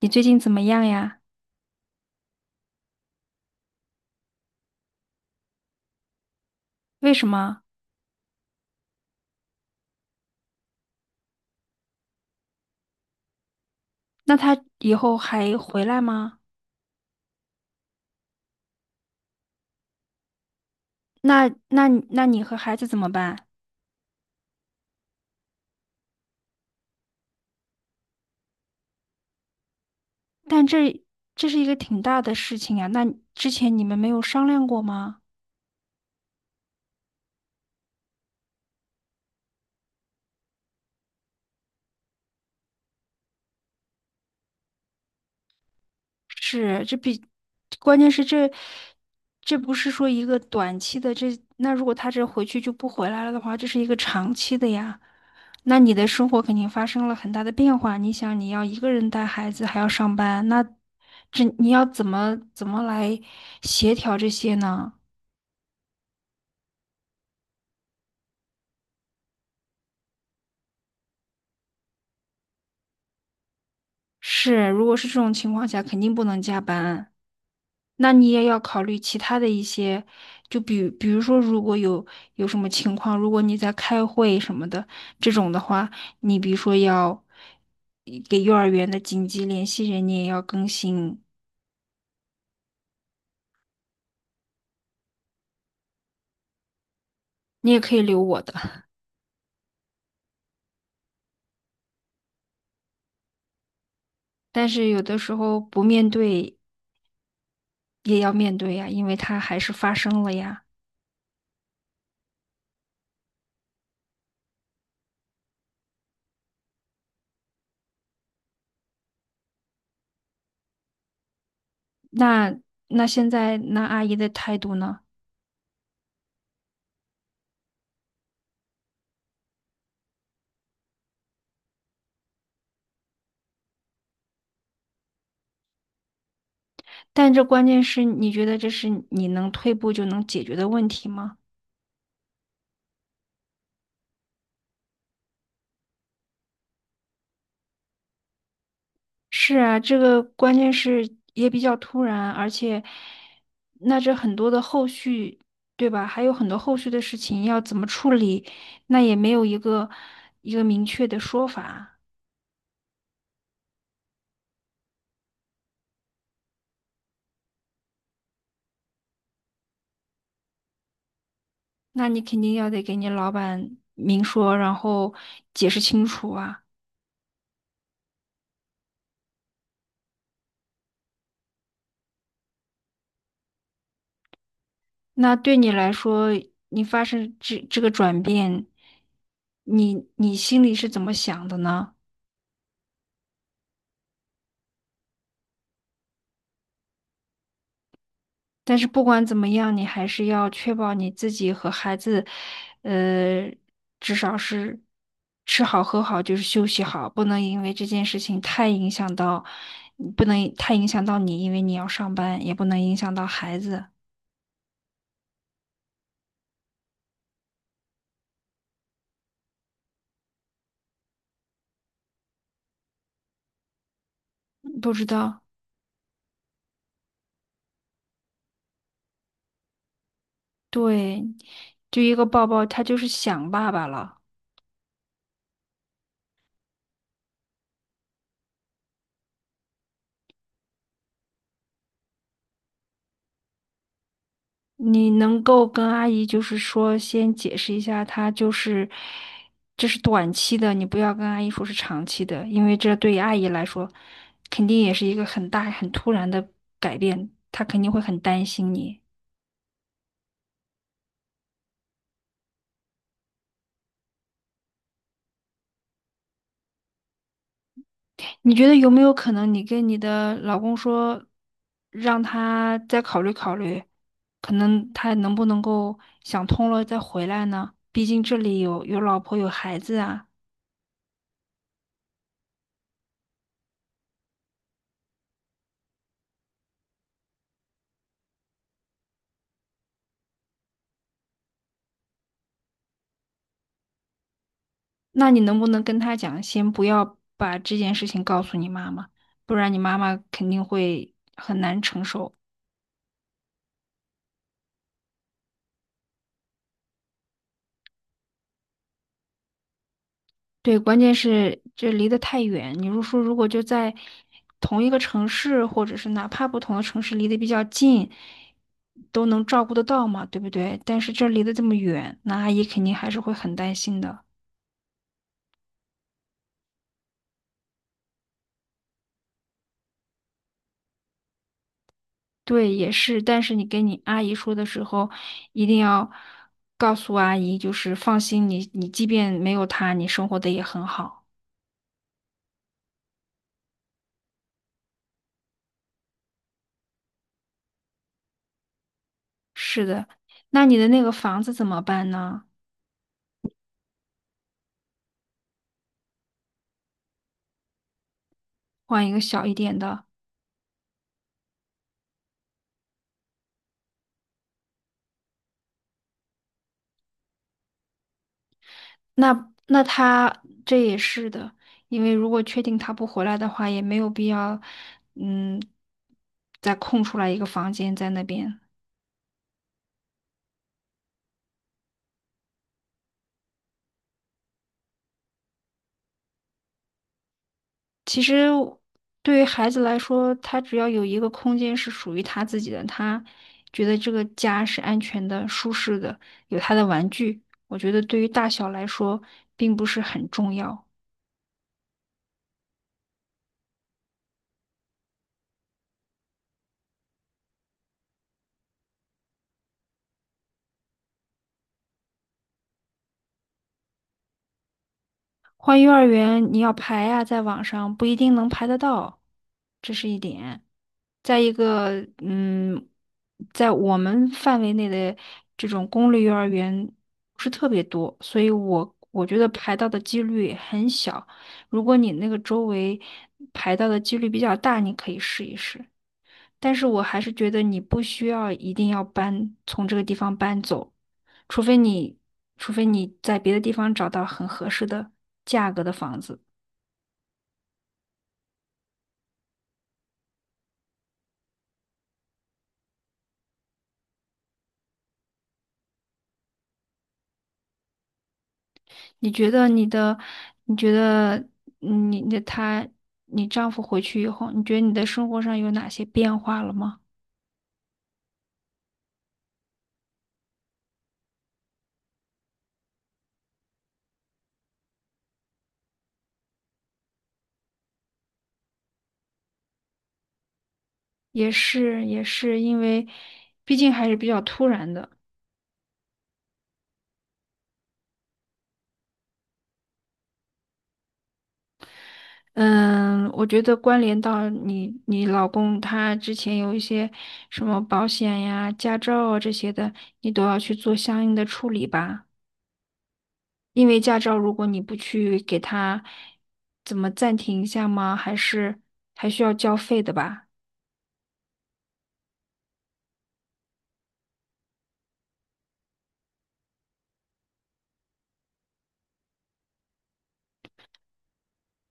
你最近怎么样呀？为什么？那他以后还回来吗？那你和孩子怎么办？但这这是一个挺大的事情呀，那之前你们没有商量过吗？是，这比关键是这这不是说一个短期的这，那如果他这回去就不回来了的话，这是一个长期的呀。那你的生活肯定发生了很大的变化。你想，你要一个人带孩子，还要上班，那这你要怎么来协调这些呢？是，如果是这种情况下，肯定不能加班。那你也要考虑其他的一些，就比如说，如果有有什么情况，如果你在开会什么的这种的话，你比如说要给幼儿园的紧急联系人，你也要更新，你也可以留我的，但是有的时候不面对也要面对呀，因为它还是发生了呀。那那现在那阿姨的态度呢？但这关键是你觉得这是你能退步就能解决的问题吗？是啊，这个关键是也比较突然，而且，那这很多的后续，对吧？还有很多后续的事情要怎么处理，那也没有一个明确的说法。那你肯定要得给你老板明说，然后解释清楚啊。那对你来说，你发生这这个转变，你心里是怎么想的呢？但是不管怎么样，你还是要确保你自己和孩子，呃，至少是吃好喝好，就是休息好，不能因为这件事情太影响到，嗯不能太影响到你，因为你要上班，也不能影响到孩子。嗯不知道，对，就一个抱抱，他就是想爸爸了。你能够跟阿姨就是说先解释一下，她就是这是短期的，你不要跟阿姨说是长期的，因为这对于阿姨来说肯定也是一个很大很突然的改变，她肯定会很担心你。你觉得有没有可能你跟你的老公说，让他再考虑考虑，可能他能不能够想通了再回来呢？毕竟这里有有老婆有孩子啊。那你能不能跟他讲，先不要把这件事情告诉你妈妈，不然你妈妈肯定会很难承受。对，关键是这离得太远。你如说如果就在同一个城市，或者是哪怕不同的城市离得比较近，都能照顾得到嘛，对不对？但是这离得这么远，那阿姨肯定还是会很担心的。对，也是，但是你跟你阿姨说的时候，一定要告诉阿姨，就是放心你，你即便没有她，你生活的也很好。是的，那你的那个房子怎么办呢？换一个小一点的。那那他这也是的，因为如果确定他不回来的话，也没有必要，嗯，再空出来一个房间在那边。其实对于孩子来说，他只要有一个空间是属于他自己的，他觉得这个家是安全的、舒适的，有他的玩具，我觉得对于大小来说并不是很重要。换幼儿园你要排呀、在网上不一定能排得到，这是一点。再一个，嗯，在我们范围内的这种公立幼儿园不是特别多，所以我觉得排到的几率很小。如果你那个周围排到的几率比较大，你可以试一试。但是我还是觉得你不需要一定要搬，从这个地方搬走，除非你，除非你在别的地方找到很合适的价格的房子。你觉得你的，你觉得嗯你的他，你丈夫回去以后，你觉得你的生活上有哪些变化了吗？也是，也是因为，毕竟还是比较突然的。嗯，我觉得关联到你你老公他之前有一些什么保险呀、驾照啊这些的，你都要去做相应的处理吧。因为驾照如果你不去给他怎么暂停一下吗？还是还需要交费的吧？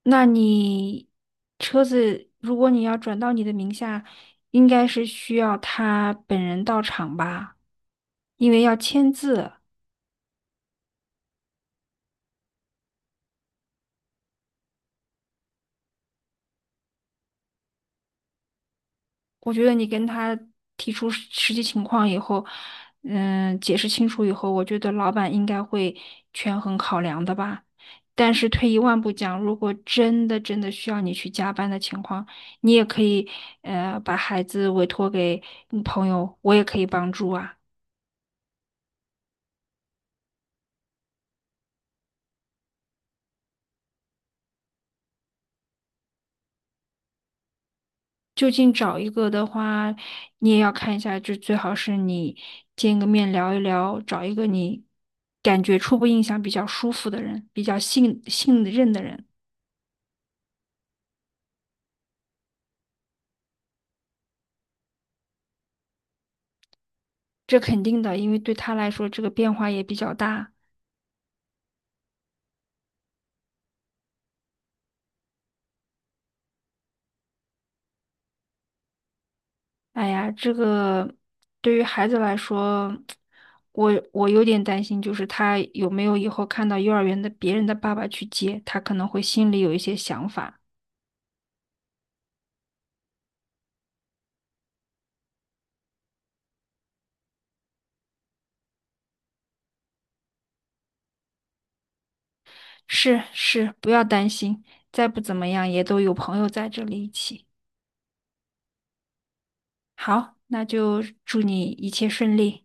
那你车子如果你要转到你的名下，应该是需要他本人到场吧，因为要签字。我觉得你跟他提出实实际情况以后，嗯，解释清楚以后，我觉得老板应该会权衡考量的吧。但是退一万步讲，如果真的需要你去加班的情况，你也可以，把孩子委托给你朋友，我也可以帮助啊。就近找一个的话，你也要看一下，就最好是你见个面聊一聊，找一个你感觉初步印象比较舒服的人，比较信任的人。这肯定的，因为对他来说，这个变化也比较大。哎呀，这个对于孩子来说，我有点担心，就是他有没有以后看到幼儿园的别人的爸爸去接，他可能会心里有一些想法。是是，不要担心，再不怎么样也都有朋友在这里一起。好，那就祝你一切顺利。